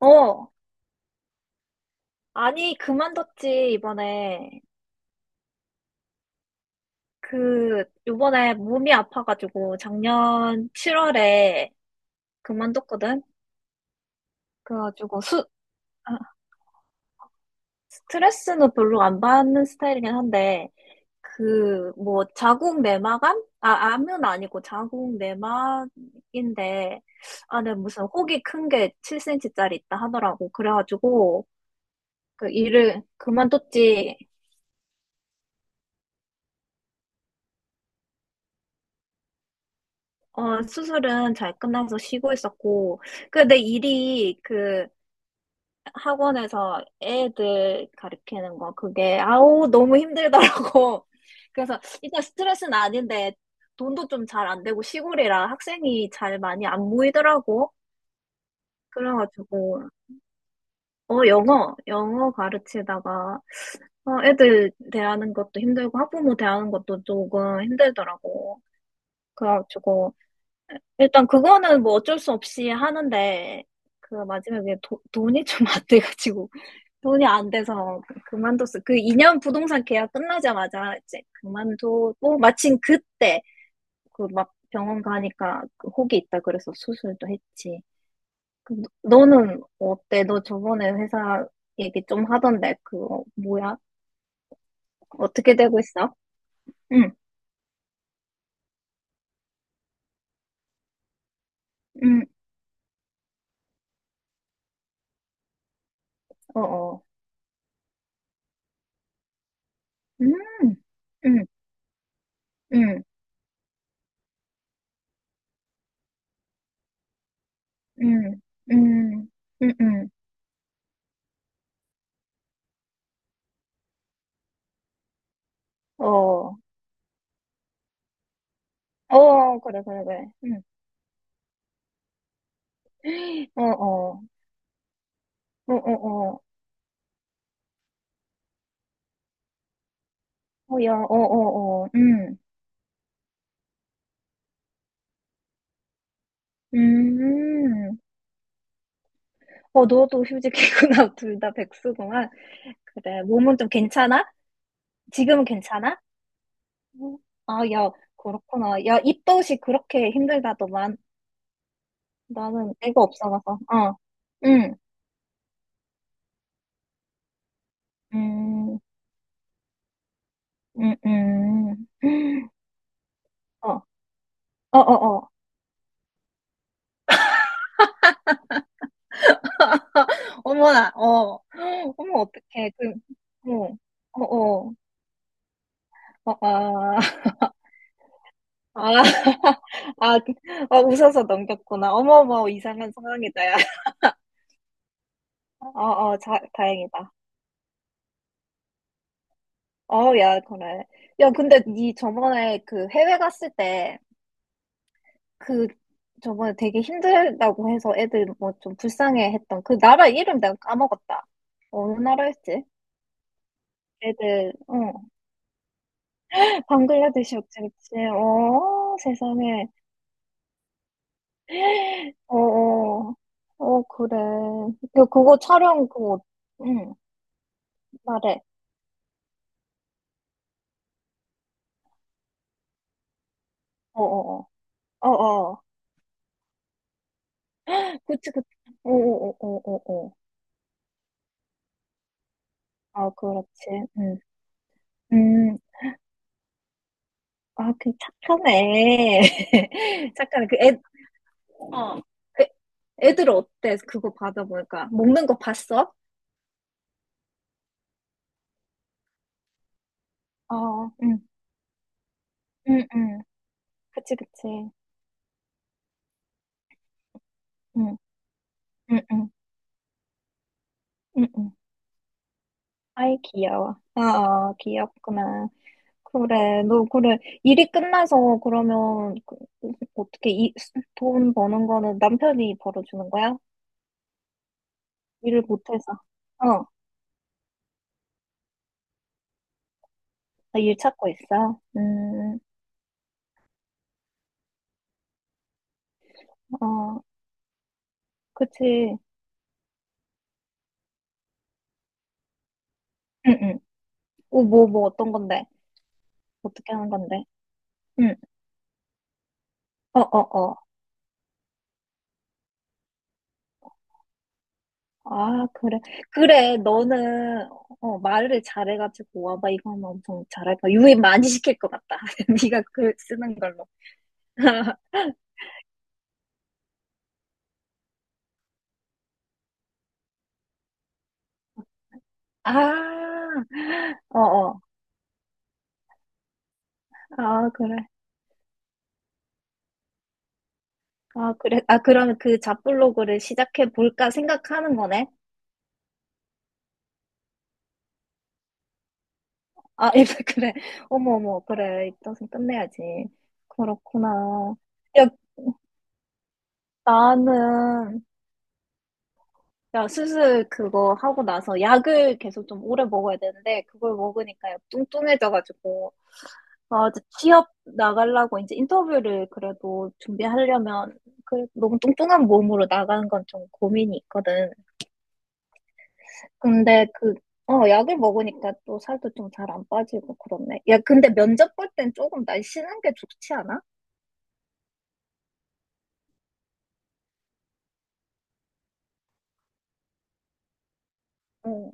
어, 아니, 그만뒀지, 이번에. 그, 요번에 몸이 아파가지고, 작년 7월에 그만뒀거든? 그래가지고, 아, 스트레스는 별로 안 받는 스타일이긴 한데, 그, 뭐, 자궁 내막암? 아, 암은 아니고 자궁 내막인데, 안에 무슨 혹이 큰 게 7cm짜리 있다 하더라고. 그래가지고, 그 일을 그만뒀지. 어, 수술은 잘 끝나서 쉬고 있었고, 그 내 일이 그 학원에서 애들 가르치는 거, 그게, 아우, 너무 힘들더라고. 그래서 일단 스트레스는 아닌데, 돈도 좀 잘 안 되고, 시골이라 학생이 잘 많이 안 모이더라고. 그래가지고, 어, 영어 가르치다가, 어, 애들 대하는 것도 힘들고, 학부모 대하는 것도 조금 힘들더라고. 그래가지고, 일단 그거는 뭐 어쩔 수 없이 하는데 그 마지막에 돈이 좀 안 돼가지고 돈이 안 돼서 그만뒀어. 그 2년 부동산 계약 끝나자마자 이제 그만두고 마침 그때 그 막 병원 가니까 그 혹이 있다 그래서 수술도 했지. 그 너- 너는 어때? 너 저번에 회사 얘기 좀 하던데 그거 뭐야? 어떻게 되고 있어? 응, 응, 어, 어, 음, 음, 음, 음, 음, 음, 음, 어. 어, 그래, 그래, 그래. 응. 어, 어, 어, 어, 어, 어, 야, 어, 어, 어, 음, 어, 너도 휴직이구나. 둘 다 백수구만. 그래, 몸은 좀 괜찮아? 지금은 괜찮아? 응. 아, 야, 그렇구나. 야, 입덧이 그렇게 힘들다더만. 나는 애가 없어가서, 어, 응, 음, 음, 음, 어, 어, 어, 어. 어머나, 어, 어머, 어떡해. 그, 어, 어, 어. 어, 아, 아, 아, 그- 어, 웃어서 넘겼구나. 어머머, 이상한 상황이다, 야. 어, 어, 자, 다행이다. 어, 야, 그래. 야, 근데 니 저번에 그 해외 갔을 때, 그, 저번에 되게 힘들다고 해서 애들 뭐 좀 불쌍해 했던 그 나라 이름 내가 까먹었다. 어느 나라였지? 애들, 응. 방글라데시였지, 그치? 어, 세상에. 어, 어, 어, 그래. 그, 그거 촬영, 그거, 응. 말해. 어어어. 어어. 그치, 그치. 어어어어어어. 아, 그렇지. 응. 음. 아, 그 착하네. 착하네. 그 애, 어. 그 애들 어때? 그거 받아보니까. 먹는 거 봤어? 어, 응. 응, 응. 그치, 그치. 응, 응, 응. 응, 응. 아이, 귀여워. 아, 아, 귀엽구나. 그래, 너, 그래. 일이 끝나서 그러면, 그, 어떻게 이, 돈 버는 거는 남편이 벌어주는 거야? 일을 못해서. 어, 나 일 찾고 있어. 어, 그치. 응, 응. 어, 뭐, 뭐, 어떤 건데? 어떻게 하는 건데? 응, 어, 어, 어. 아, 그래. 그래, 너는, 어, 말을 잘해가지고, 와봐, 이거 하면 엄청 잘할 거야. 유입 많이 시킬 것 같다. 네가 글 쓰는 걸로. 아, 어, 어. 아, 그래. 아, 그래. 아, 그럼 그 잡블로그를 시작해 볼까 생각하는 거네? 아, 이제 그래. 어머, 어머, 그래. 입덧은 끝내야지. 그렇구나. 야, 나는, 야, 수술 그거 하고 나서 약을 계속 좀 오래 먹어야 되는데, 그걸 먹으니까 약 뚱뚱해져가지고, 아, 이제 취업 나가려고 이제 인터뷰를 그래도 준비하려면, 그, 너무 뚱뚱한 몸으로 나가는 건 좀 고민이 있거든. 근데 그, 어, 약을 먹으니까 또 살도 좀 잘 안 빠지고 그렇네. 야, 근데 면접 볼 땐 조금 날씬한 게 좋지 않아? 응.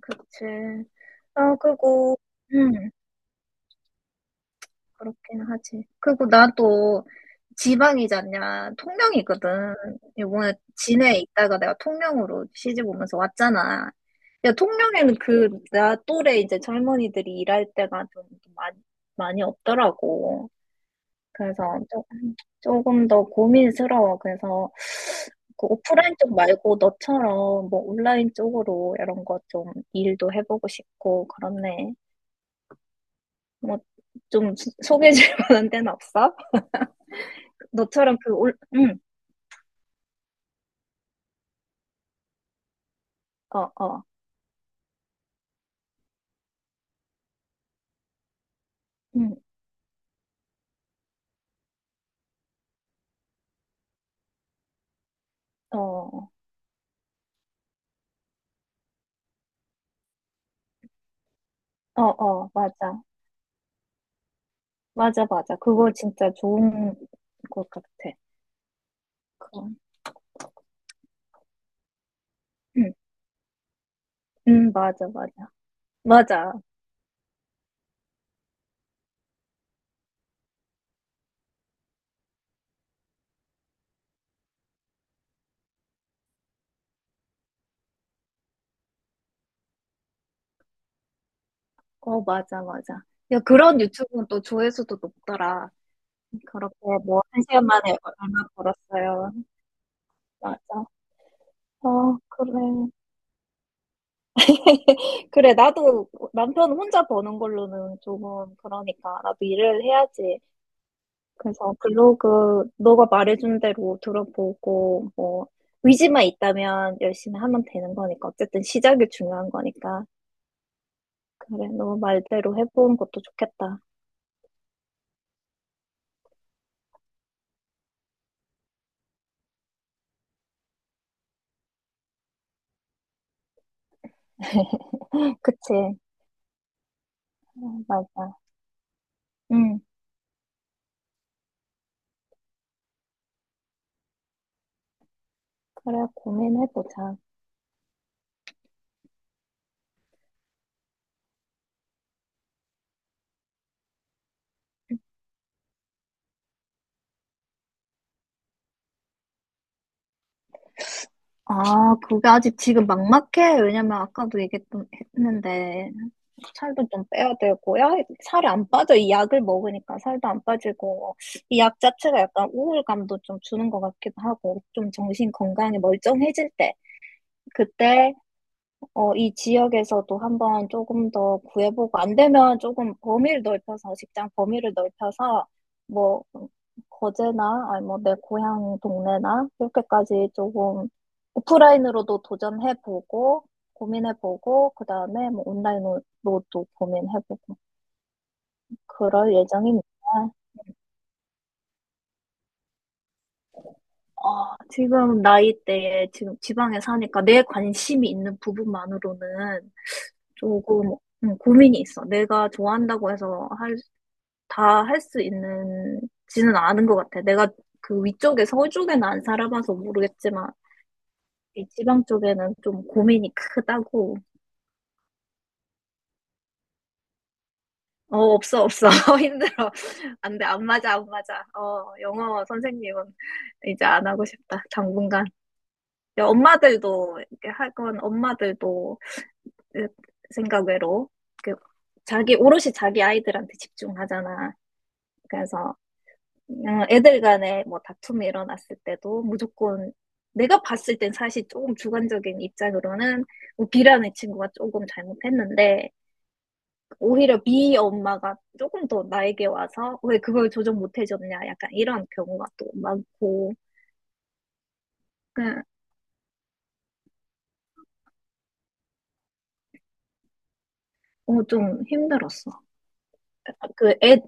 그치. 아, 그리고, 음, 그렇긴 하지. 그리고 나도 지방이잖냐. 통영이거든. 이번에 진해에 있다가 내가 통영으로 시집 오면서 왔잖아. 야, 통영에는 그, 나 또래 이제 젊은이들이 일할 때가 좀 많이, 많이 없더라고. 그래서 조금, 조금 더 고민스러워. 그래서 그 오프라인 쪽 말고 너처럼 뭐 온라인 쪽으로 이런 거 좀 일도 해보고 싶고, 그렇네. 뭐, 좀 개해줄 만한 데는 없어? 너처럼 그 올, 응, 어, 어, 응, 어, 어, 어, 맞아. 맞아, 맞아. 그거 진짜 좋은 것 같아. 그거. 응, 응, 맞아, 맞아. 맞아. 어, 맞아, 맞아. 야, 그런 유튜브는 또 조회수도 높더라. 그렇게 뭐, 한 시간 만에 얼마 벌었어요. 맞아. 어, 그래. 그래, 나도 남편 혼자 버는 걸로는 조금 그러니까 나도 일을 해야지. 그래서 블로그 너가 말해준 대로 들어보고 뭐 의지만 있다면 열심히 하면 되는 거니까 어쨌든 시작이 중요한 거니까 그래 너 말대로 해보는 것도 좋겠다. 그치? 어, 맞아. 응. 그래 고민해보자. 아, 그게 아직 지금 막막해. 왜냐면 아까도 얘기했는데 살도 좀 빼야 되고요. 살이 안 빠져. 이 약을 먹으니까 살도 안 빠지고, 이 약 자체가 약간 우울감도 좀 주는 것 같기도 하고, 좀 정신 건강이 멀쩡해질 때, 그때, 어, 이 지역에서도 한번 조금 더 구해보고, 안 되면 조금 범위를 넓혀서, 직장 범위를 넓혀서, 뭐, 거제나, 아니 뭐, 내 고향 동네나, 이렇게까지 조금 오프라인으로도 도전해보고, 고민해보고, 그 다음에 뭐 온라인으로도 고민해보고, 그럴 예정입니다. 아, 지금 나이대에 지금 지방에 사니까 내 관심이 있는 부분만으로는 조금 고민이 있어. 내가 좋아한다고 해서 할, 다 할 수 있는지는 않은 것 같아. 내가 그 위쪽에 서울 쪽에는 안 살아봐서 모르겠지만 이 지방 쪽에는 좀 고민이 크다고. 어, 없어, 없어. 힘들어. 안 돼, 안 맞아, 안 맞아. 어, 영어 선생님은 이제 안 하고 싶다. 당분간. 이제 엄마들도 이렇게 하건 엄마들도 그 생각외로 그 자기 오롯이 자기 아이들한테 집중하잖아. 그래서 애들 간에 뭐 다툼이 일어났을 때도 무조건 내가 봤을 땐 사실 조금 주관적인 입장으로는 뭐 B라는 친구가 조금 잘못했는데 오히려 B 엄마가 조금 더 나에게 와서 왜 그걸 조정 못 해줬냐 약간 이런 경우가 또 많고 그냥 어, 좀 힘들었어. 그 애,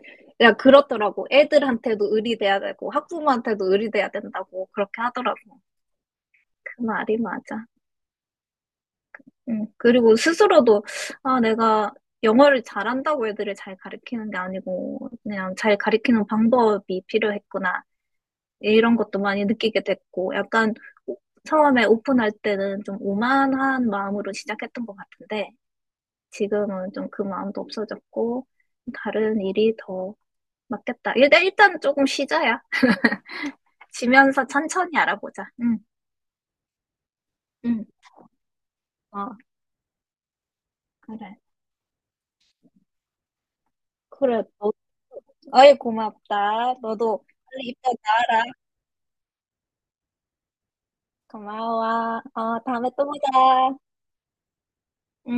야, 그렇더라고. 애들한테도 의리돼야 되고, 학부모한테도 의리돼야 된다고. 그렇게 하더라고. 그 말이 맞아. 응. 그리고 스스로도, 아, 내가 영어를 잘한다고 애들을 잘 가르치는 게 아니고, 그냥 잘 가르치는 방법이 필요했구나. 이런 것도 많이 느끼게 됐고, 약간 오- 처음에 오픈할 때는 좀 오만한 마음으로 시작했던 것 같은데, 지금은 좀 그 마음도 없어졌고, 다른 일이 더 맞겠다. 일단 조금 쉬자야. 지면서 천천히 알아보자. 응, 응, 어, 그래. 그래. 너, 어이, 고맙다. 너도 빨리 입덧 나와라. 고마워. 어, 다음에 또 보자. 음.